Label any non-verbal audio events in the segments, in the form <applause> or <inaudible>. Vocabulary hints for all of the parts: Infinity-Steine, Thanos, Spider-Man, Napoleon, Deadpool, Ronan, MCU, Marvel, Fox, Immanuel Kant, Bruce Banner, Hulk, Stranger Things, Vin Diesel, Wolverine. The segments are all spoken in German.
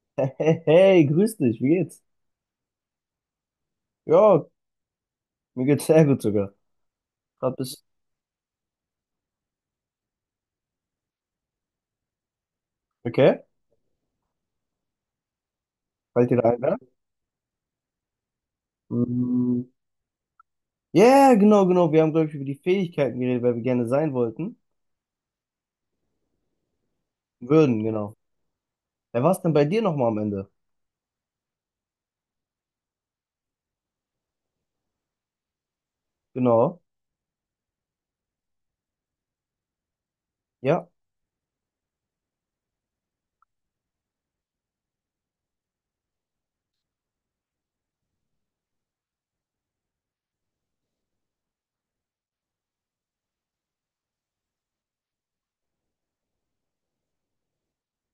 <laughs> Hey, hey, hey, grüß dich, wie geht's? Ja, mir geht's sehr gut sogar. Grad bis. Okay, fällt dir da ein, ne? Mm, ja, genau, genau. Wir haben, glaube ich, über die Fähigkeiten geredet, weil wir gerne sein wollten. Würden, genau. Wer war's denn bei dir nochmal am Ende? Genau. Ja,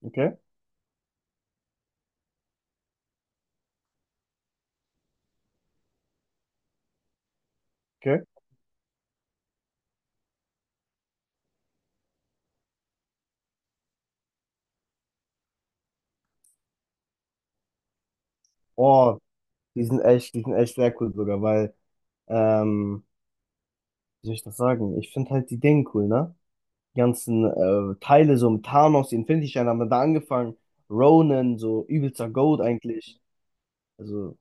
okay, okay. Oh, die sind echt sehr cool sogar, weil, ähm, wie soll ich das sagen? Ich finde halt die Dinge cool, ne? Die ganzen Teile, so mit Thanos, die Infinity-Steine haben wir da angefangen. Ronan, so übelster Goat eigentlich. Also.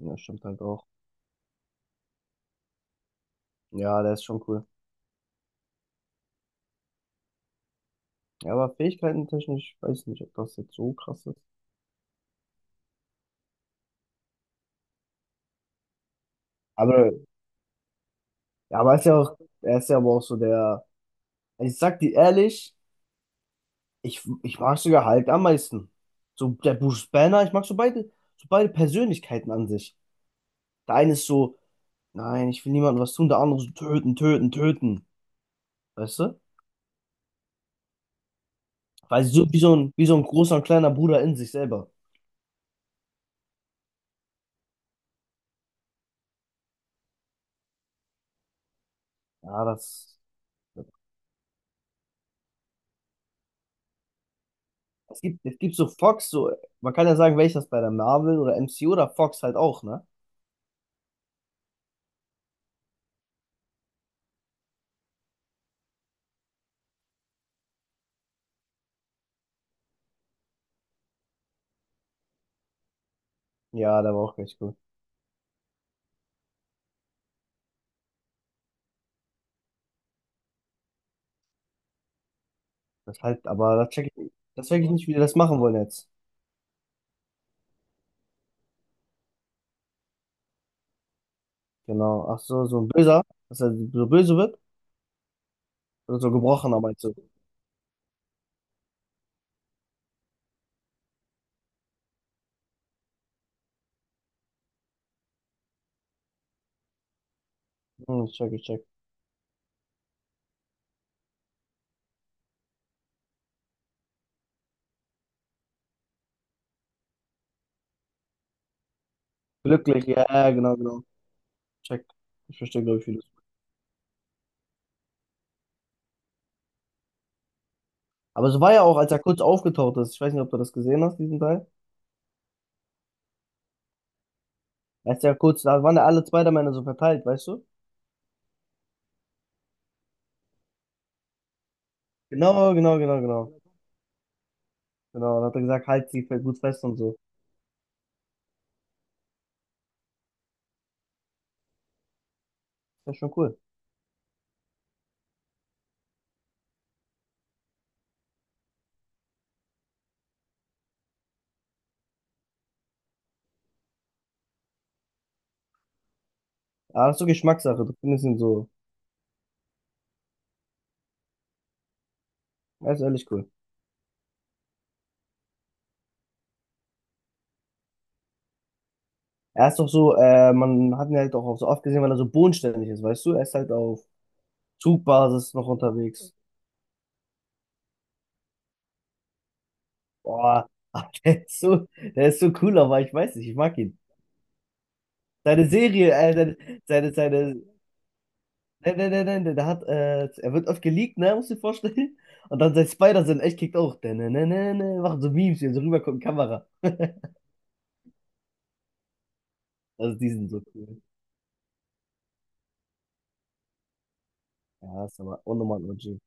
Ja, stimmt halt auch. Ja, der ist schon cool. Ja, aber Fähigkeiten technisch, weiß nicht, ob das jetzt so krass ist. Aber, ja, aber er ist ja auch, er ist ja aber auch so der, also ich sag dir ehrlich, ich mag sogar Hulk am meisten. So der Bruce Banner, ich mag so beide Persönlichkeiten an sich. Der eine ist so, nein, ich will niemandem was tun, der andere so töten, töten, töten. Weißt du? Weil so wie so ein großer und kleiner Bruder in sich selber. Ja, das Es gibt so Fox, so, man kann ja sagen, welches bei der Marvel oder MCU oder Fox halt auch, ne? Ja, der war auch ganz gut. Das halt, aber das check ich nicht, wie die das machen wollen jetzt. Genau. Ach so, so ein Böser, dass er so böse wird. Oder so gebrochener, meinst du? Hm, check, ich check. Glücklich, ja, ja, genau, genau. Check. Ich verstehe, glaube ich, wie das. Aber so war ja auch, als er kurz aufgetaucht ist. Ich weiß nicht, ob du das gesehen hast, diesen Teil. Als er kurz, da waren ja alle Spider-Männer so verteilt, weißt du? Genau, genau, genau, genau. Genau, dann hat er gesagt, halt sie gut fest und so. Das ist ja schon cool. Aber das ist so Geschmackssache. Du findest ihn so. Er ist ehrlich cool. Er ist doch so, man hat ihn halt auch so oft gesehen, weil er so bodenständig ist, weißt du? Er ist halt auf Zugbasis noch unterwegs. Boah, aber <laughs> der ist so cool, aber ich weiß nicht, ich mag ihn. Seine Serie, seine, seine, nein, nein, nein, nein, der hat, er wird oft geleakt, ne, musst du dir vorstellen. Und dann sein Spider-Sinn echt kickt auch. Ne, ne, ne, ne, machen so Memes, hier so rübergucken, Kamera. Also die sind so cool. Ja, ist aber unnormal OG.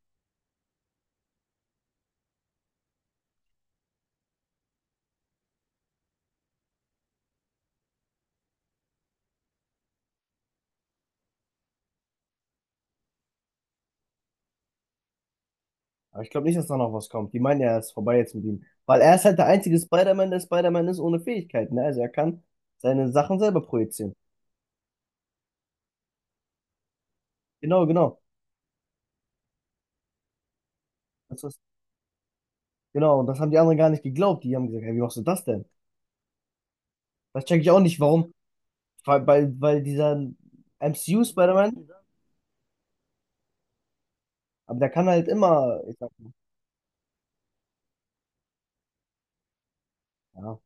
Aber ich glaube nicht, dass da noch was kommt. Die meinen ja, es ist vorbei jetzt mit ihm. Weil er ist halt der einzige Spider-Man, der Spider-Man ist ohne Fähigkeiten. Ne? Also er kann seine Sachen selber projizieren. Genau, genau. Das ist, genau, und das haben die anderen gar nicht geglaubt. Die haben gesagt, hey, wie machst du das denn? Das checke ich auch nicht, warum. Weil dieser MCU-Spider-Man, aber der kann halt immer, ich sag, ja,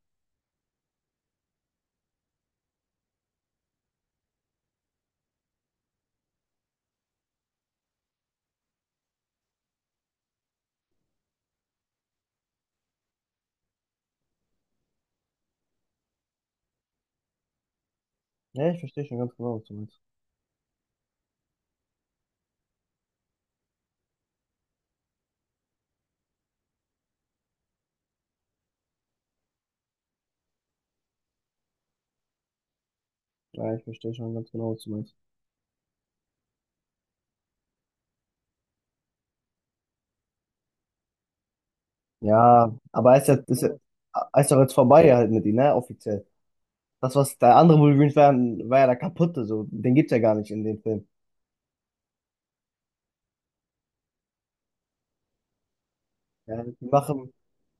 ja, ich verstehe schon ganz genau, was du meinst. Ja, ich verstehe schon ganz genau, was du meinst. Ja, aber er ist ja, er ist doch jetzt vorbei halt mit ihm, ne, offiziell. Das, was der andere Wolverine war, war ja der kaputte, so. Den gibt's ja gar nicht in dem Film. Ja, die machen,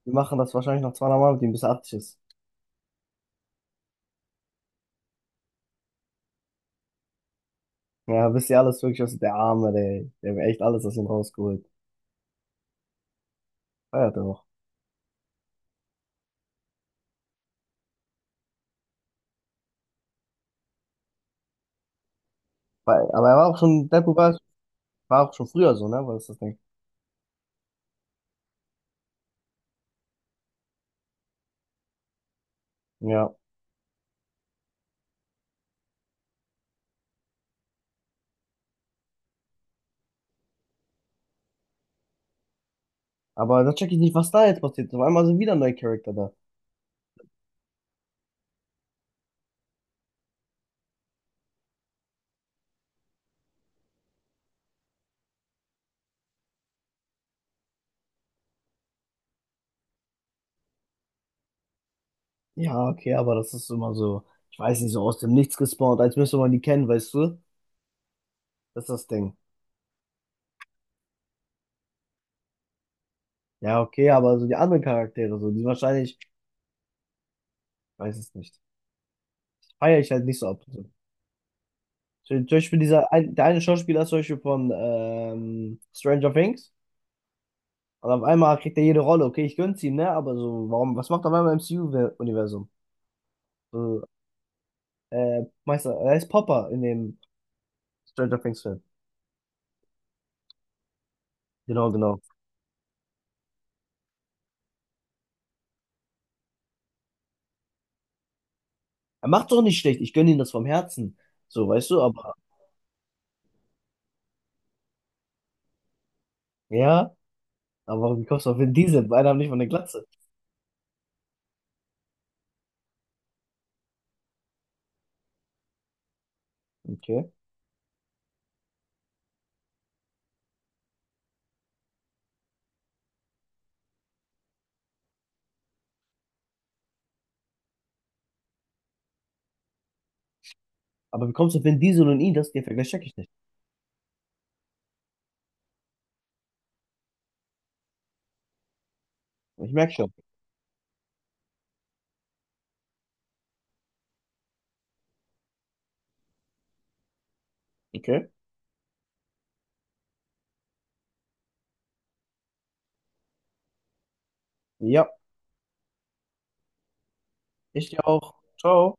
die machen das wahrscheinlich noch 200 Mal mit ihm, bis er 80 ist. Ja, wisst ihr alles wirklich, was der Arme, der, der hat echt alles aus ihm rausgeholt. Feiert er auch. Weil- Aber er war auch schon, Deadpool war, war auch schon früher so, ne, war das das Ding. Ja. Aber da check ich nicht, was da jetzt passiert. Auf einmal sind wieder neue Charakter da. Ja, okay, aber das ist immer so, ich weiß nicht, so aus dem Nichts gespawnt, als müsste man die kennen, weißt du? Das ist das Ding. Ja, okay, aber so die anderen Charaktere, so, die wahrscheinlich, ich weiß es nicht, feiere ich halt nicht so ab. So, zum Beispiel dieser, ein- der eine Schauspieler ist zum Beispiel von Stranger Things. Und auf einmal kriegt er jede Rolle. Okay, ich gönn's ihm, ne? Aber so, warum, was macht er auf einmal im MCU-Universum? So, Meister, er ist Popper in dem Stranger Things-Film. Genau, genau. Er macht's auch nicht schlecht. Ich gönn ihm das vom Herzen. So, weißt du, aber, ja, aber wie kommst du auf Vin Diesel? Beide haben nicht von der Glatze. Okay. Aber wie kommst du auf Vin Diesel und ihn? Das, den Vergleich check ich nicht. Ich merk schon. Okay. Ja, ich dir auch. Ciao.